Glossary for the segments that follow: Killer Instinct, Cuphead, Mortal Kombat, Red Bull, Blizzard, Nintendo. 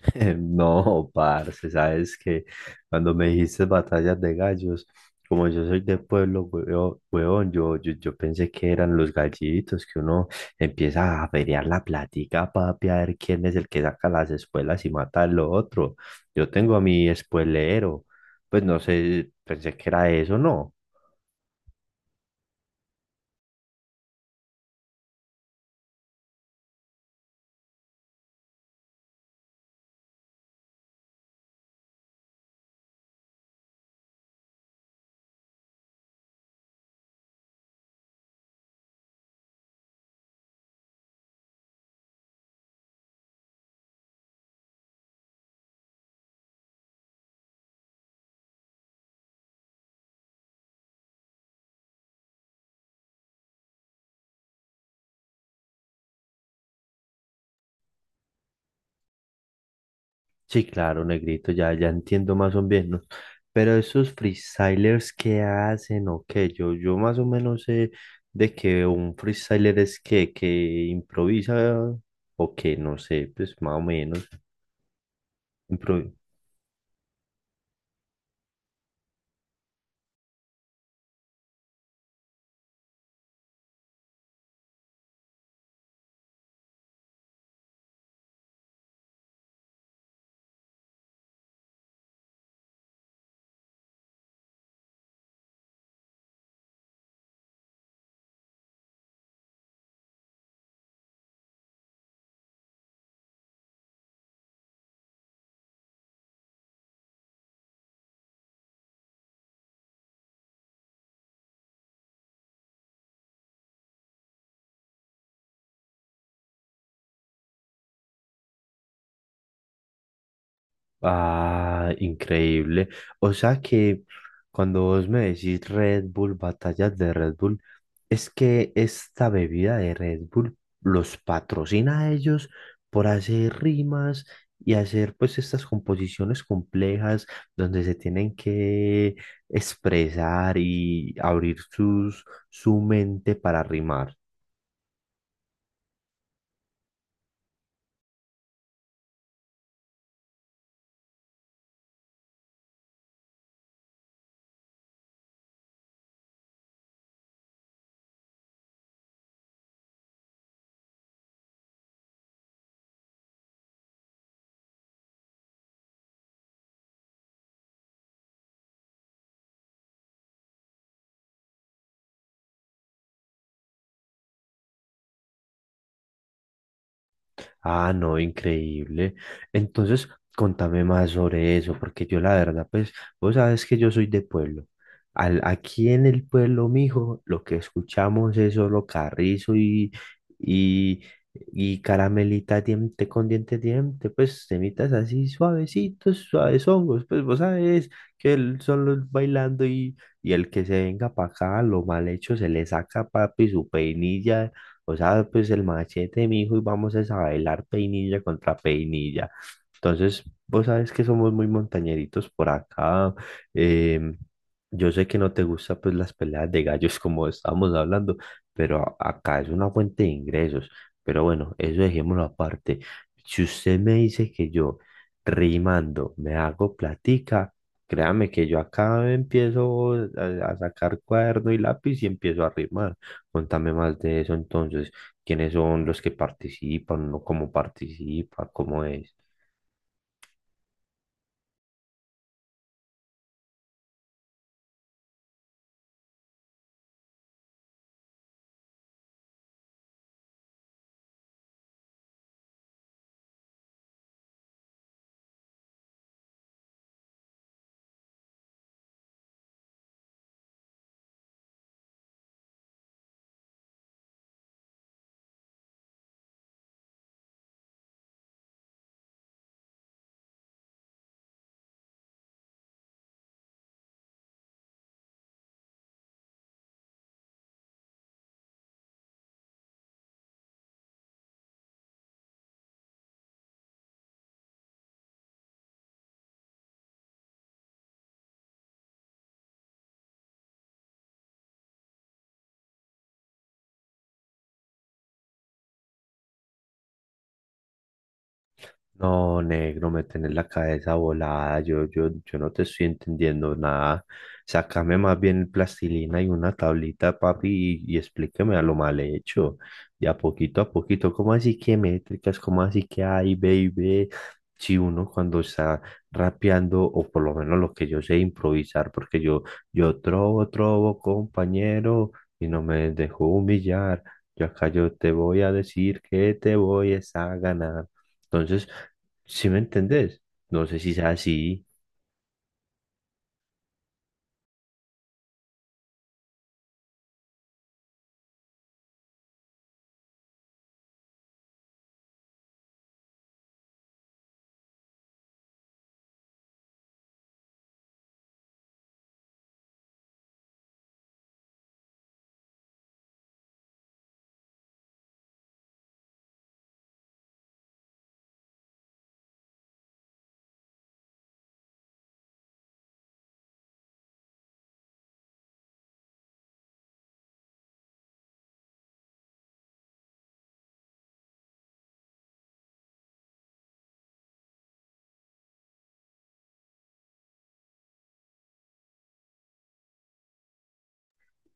No, parce, sabes que cuando me dijiste batallas de gallos, como yo soy de pueblo, huevón, huevón, yo pensé que eran los gallitos, que uno empieza a averiar la plática, papi, a ver quién es el que saca las espuelas y mata al otro. Yo tengo a mi espuelero, pues no sé, pensé que era eso, ¿no? Sí, claro, negrito, ya, ya entiendo más o menos. Pero esos freestylers, ¿qué hacen o qué? Yo más o menos sé de que un freestyler es que improvisa o que no sé, pues más o menos. impro- Ah, increíble. O sea que cuando vos me decís Red Bull, batallas de Red Bull, es que esta bebida de Red Bull los patrocina a ellos por hacer rimas y hacer pues estas composiciones complejas donde se tienen que expresar y abrir sus, su mente para rimar. Ah, no, increíble. Entonces, contame más sobre eso, porque yo la verdad, pues, vos sabes que yo soy de pueblo. Aquí en el pueblo, mijo, lo que escuchamos es solo carrizo y, y caramelita diente con diente, diente, pues, temitas así suavecitos, suaves hongos, pues, vos sabes que son los bailando y el que se venga para acá, lo mal hecho se le saca, papi, su peinilla, o sea, pues el machete, mi hijo, y vamos es a bailar peinilla contra peinilla. Entonces, vos sabes que somos muy montañeritos por acá. em, yo sé que no te gusta pues las peleas de gallos como estábamos hablando, pero acá es una fuente de ingresos. Pero bueno, eso dejémoslo aparte. Si usted me dice que yo rimando me hago platica, créame que yo acá empiezo a sacar cuaderno y lápiz y empiezo a rimar. Contame más de eso entonces, quiénes son los que participan, ¿no? ¿Cómo participa, cómo es? No, negro, me tenés la cabeza volada, yo no te estoy entendiendo nada. Sácame más bien plastilina y una tablita, papi, y explíqueme a lo mal hecho. Y a poquito, ¿cómo así que métricas? ¿Cómo así que hay, baby? Si uno cuando está rapeando, o por lo menos lo que yo sé improvisar, porque yo trobo, trobo, compañero, y no me dejo humillar. Yo acá yo te voy a decir que te voy es a ganar. Entonces, ¿sí me entendés? No sé si sea así.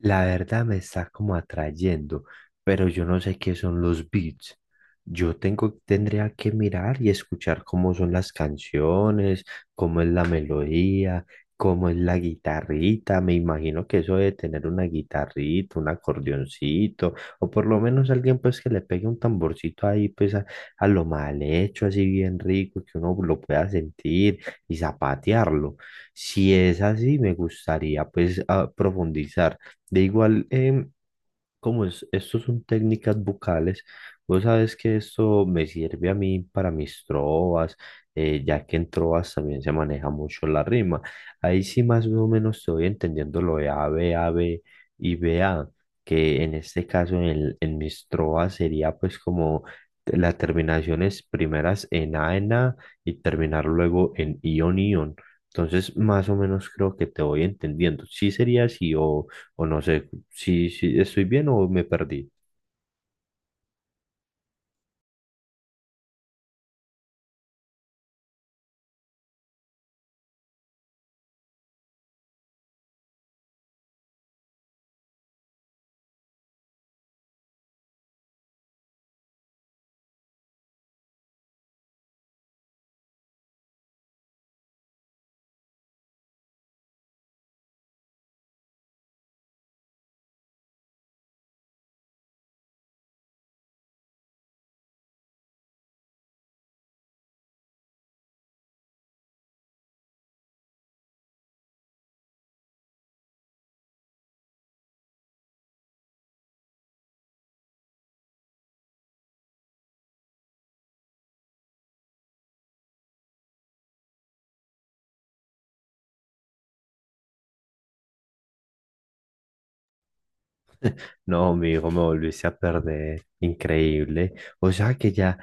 La verdad me está como atrayendo, pero yo no sé qué son los beats. Yo tengo, tendría que mirar y escuchar cómo son las canciones, cómo es la melodía, cómo es la guitarrita. Me imagino que eso de tener una guitarrita, un acordeoncito, o por lo menos alguien pues que le pegue un tamborcito ahí pues a lo mal hecho, así bien rico, que uno lo pueda sentir y zapatearlo. Si es así, me gustaría pues profundizar. De igual, como es, estos son técnicas vocales, vos sabes que esto me sirve a mí para mis trovas, ya que en trovas también se maneja mucho la rima. Ahí sí más o menos estoy entendiendo lo de A, B, A, B y B, A, que en este caso en, en mis trovas sería pues como las terminaciones primeras en A y terminar luego en ion, ion. Entonces, más o menos creo que te voy entendiendo. ¿Sí sería así o... o no sé, si, si estoy bien o me perdí? No, mi hijo, me volviste a perder. Increíble. O sea que ya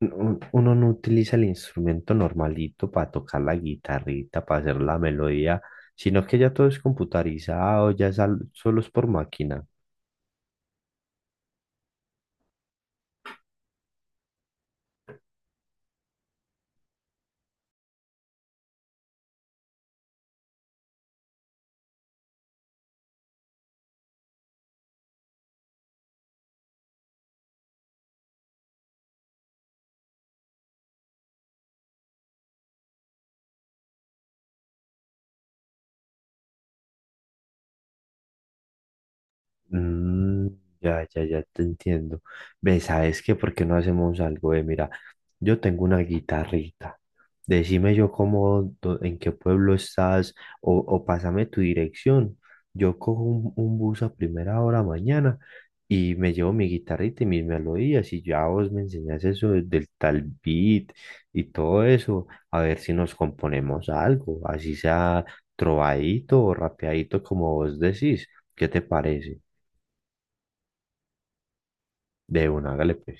uno no utiliza el instrumento normalito para tocar la guitarrita, para hacer la melodía, sino que ya todo es computarizado, ya es solo es por máquina. Mm, ya, ya, ya te entiendo. ¿Ves? ¿Sabes qué? ¿Por qué no hacemos algo de, mira? Yo tengo una guitarrita. Decime yo cómo, en qué pueblo estás o pásame tu dirección. Yo cojo un bus a primera hora mañana y me llevo mi guitarrita y mis melodías y ya vos me enseñás eso del tal beat y todo eso. A ver si nos componemos algo, así sea trovadito o rapeadito como vos decís. ¿Qué te parece? De una, hágale pues.